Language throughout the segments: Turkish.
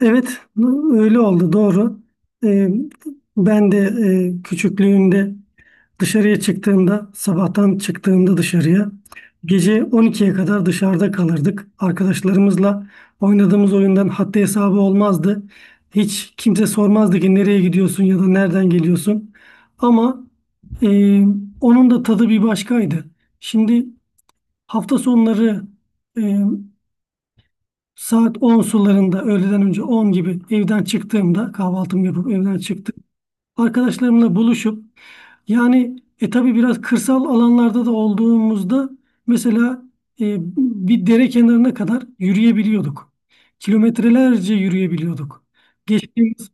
Evet, öyle oldu doğru. Ee, ben de küçüklüğümde dışarıya çıktığımda, sabahtan çıktığımda dışarıya, gece 12'ye kadar dışarıda kalırdık. Arkadaşlarımızla oynadığımız oyundan haddi hesabı olmazdı. Hiç kimse sormazdı ki nereye gidiyorsun ya da nereden geliyorsun. Ama e, onun da tadı bir başkaydı. Şimdi hafta sonları e, saat 10 sularında öğleden önce 10 gibi evden çıktığımda kahvaltımı yapıp evden çıktım. Arkadaşlarımla buluşup yani tabii biraz kırsal alanlarda da olduğumuzda mesela e, bir dere kenarına kadar yürüyebiliyorduk. Kilometrelerce yürüyebiliyorduk. Geçtiğimiz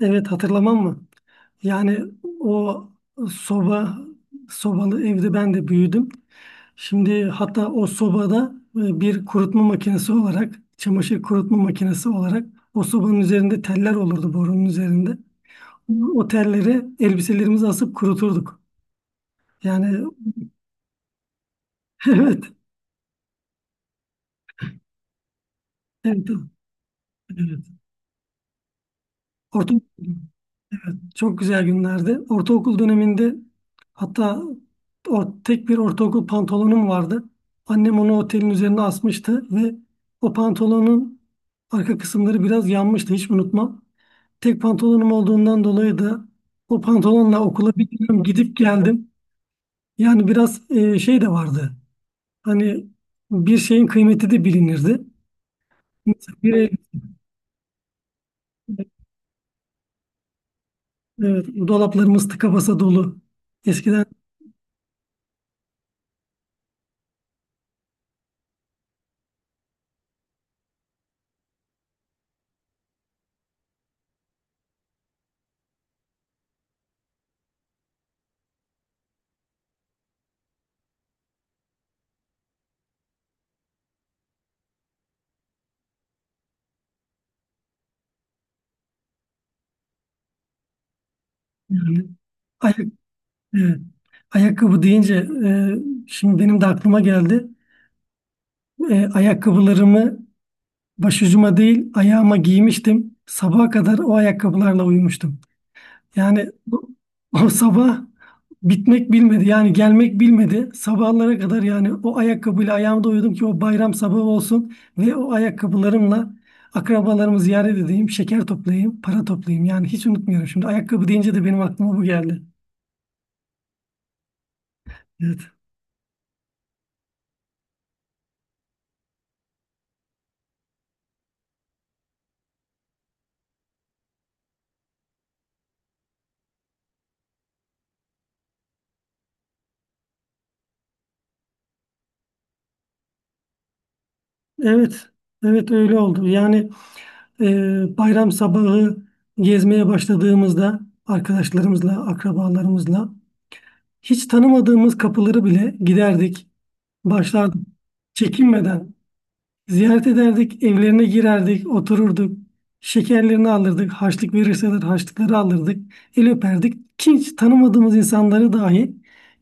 evet, hatırlamam mı? Yani o soba sobalı evde ben de büyüdüm. Şimdi hatta o sobada bir kurutma makinesi olarak, çamaşır kurutma makinesi olarak o sobanın üzerinde teller olurdu borunun üzerinde. O telleri elbiselerimizi asıp kuruturduk. Yani evet, evet, evet. Orta Çok güzel günlerdi. Ortaokul döneminde hatta o tek bir ortaokul pantolonum vardı. Annem onu otelin üzerine asmıştı ve o pantolonun arka kısımları biraz yanmıştı, hiç unutmam. Tek pantolonum olduğundan dolayı da o pantolonla okula bir dönem gidip geldim. Yani biraz şey de vardı. Hani bir şeyin kıymeti de bilinirdi. Mesela bir elbise, evet, dolaplarımız tıka basa dolu. Eskiden yani. Evet. Ayakkabı deyince e, şimdi benim de aklıma geldi. Ayakkabılarımı başucuma değil ayağıma giymiştim. Sabaha kadar o ayakkabılarla uyumuştum. Yani o, o sabah bitmek bilmedi. Yani gelmek bilmedi. Sabahlara kadar yani o ayakkabıyla ayağımda uyudum ki o bayram sabahı olsun ve o ayakkabılarımla akrabalarımı ziyaret edeyim, şeker toplayayım, para toplayayım. Yani hiç unutmuyorum. Şimdi ayakkabı deyince de benim aklıma bu geldi. Evet. Evet. Evet öyle oldu. Yani bayram sabahı gezmeye başladığımızda arkadaşlarımızla, akrabalarımızla hiç tanımadığımız kapıları bile giderdik, başlardık. Çekinmeden ziyaret ederdik, evlerine girerdik, otururduk. Şekerlerini alırdık, harçlık verirseler harçlıkları alırdık, el öperdik. Hiç tanımadığımız insanları dahi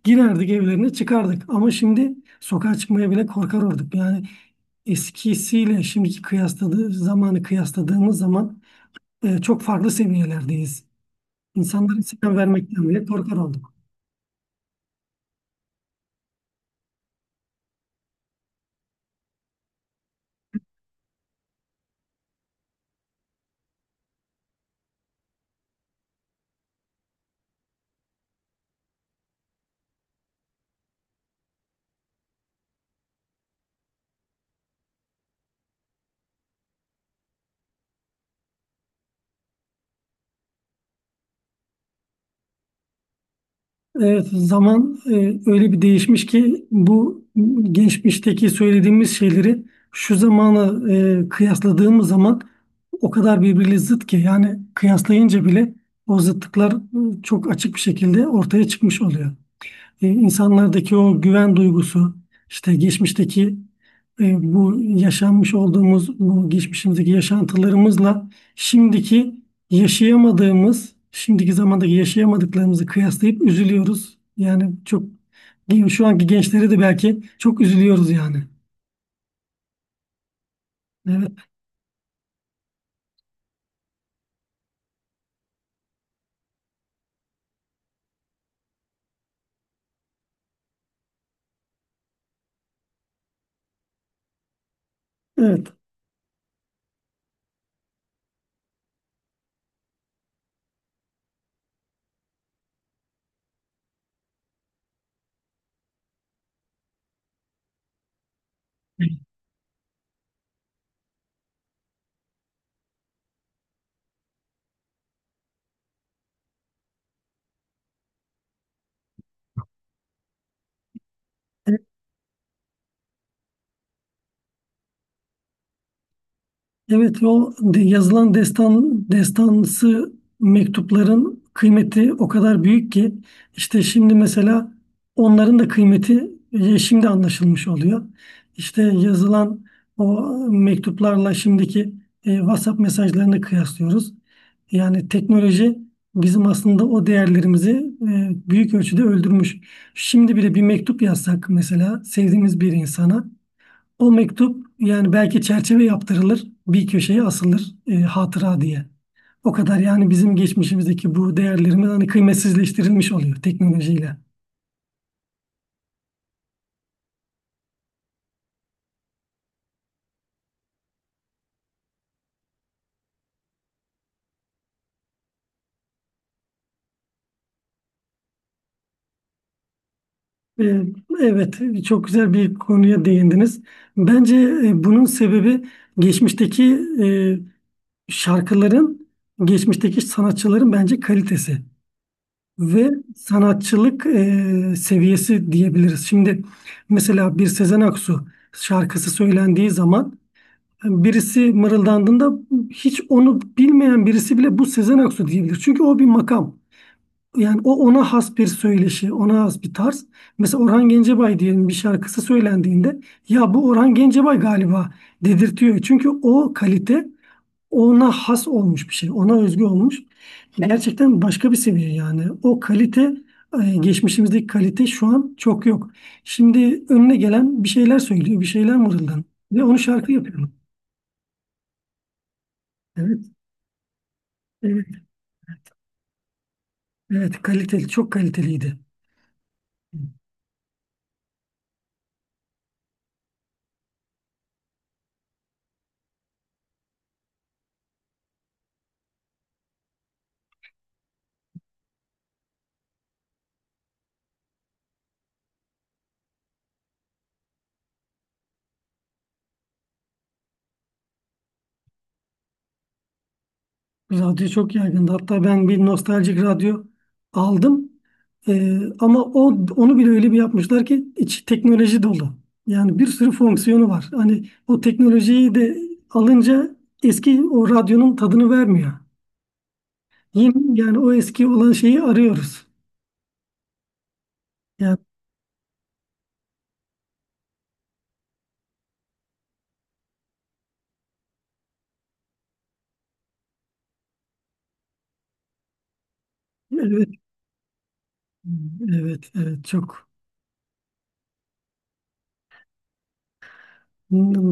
girerdik evlerine çıkardık. Ama şimdi sokağa çıkmaya bile korkar olduk. Yani eskisiyle şimdiki kıyasladığı zamanı kıyasladığımız zaman çok farklı seviyelerdeyiz. İnsanlara selam vermekten bile korkar olduk. Evet, zaman öyle bir değişmiş ki bu geçmişteki söylediğimiz şeyleri şu zamanı kıyasladığımız zaman o kadar birbiriyle zıt ki yani kıyaslayınca bile o zıtlıklar çok açık bir şekilde ortaya çıkmış oluyor. İnsanlardaki o güven duygusu, işte geçmişteki bu yaşanmış olduğumuz bu geçmişimizdeki yaşantılarımızla şimdiki yaşayamadığımız, şimdiki zamandaki yaşayamadıklarımızı kıyaslayıp üzülüyoruz. Yani çok şu anki gençlere de belki çok üzülüyoruz yani. Evet. Evet. Evet, yazılan destan destansı mektupların kıymeti o kadar büyük ki işte şimdi mesela onların da kıymeti şimdi anlaşılmış oluyor. İşte yazılan o mektuplarla şimdiki WhatsApp mesajlarını kıyaslıyoruz. Yani teknoloji bizim aslında o değerlerimizi büyük ölçüde öldürmüş. Şimdi bile bir mektup yazsak mesela sevdiğimiz bir insana o mektup yani belki çerçeve yaptırılır, bir köşeye asılır hatıra diye. O kadar yani bizim geçmişimizdeki bu değerlerimiz hani kıymetsizleştirilmiş oluyor teknolojiyle. E, evet, çok güzel bir konuya değindiniz. Bence bunun sebebi geçmişteki e, şarkıların, geçmişteki sanatçıların bence kalitesi ve sanatçılık seviyesi diyebiliriz. Şimdi mesela bir Sezen Aksu şarkısı söylendiği zaman birisi mırıldandığında hiç onu bilmeyen birisi bile bu Sezen Aksu diyebilir. Çünkü o bir makam. Yani o ona has bir söyleşi, ona has bir tarz. Mesela Orhan Gencebay diyelim bir şarkısı söylendiğinde ya bu Orhan Gencebay galiba dedirtiyor. Çünkü o kalite ona has olmuş bir şey, ona özgü olmuş. Gerçekten başka bir seviye yani. O kalite geçmişimizdeki kalite şu an çok yok. Şimdi önüne gelen bir şeyler söylüyor, bir şeyler mırıldan ve onu şarkı yapıyor. Evet. Evet. Evet kaliteli, çok kaliteliydi. Radyo çok yaygındı. Hatta ben bir nostaljik radyo aldım. Ama o onu bile öyle bir yapmışlar ki içi teknoloji dolu. Yani bir sürü fonksiyonu var. Hani o teknolojiyi de alınca eski o radyonun tadını vermiyor. Yeni yani o eski olan şeyi arıyoruz. Yani evet, evet, çok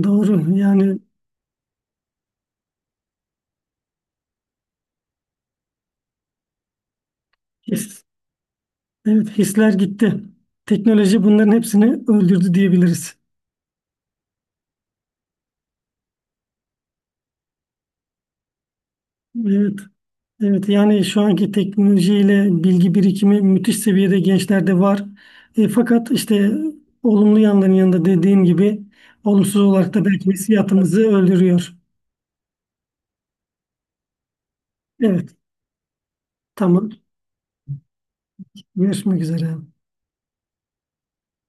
doğru. Yani his, evet hisler gitti. Teknoloji bunların hepsini öldürdü diyebiliriz. Evet. Evet yani şu anki teknolojiyle bilgi birikimi müthiş seviyede gençlerde var. Fakat işte olumlu yanların yanında dediğim gibi olumsuz olarak da belki hissiyatımızı öldürüyor. Evet. Tamam. Görüşmek üzere.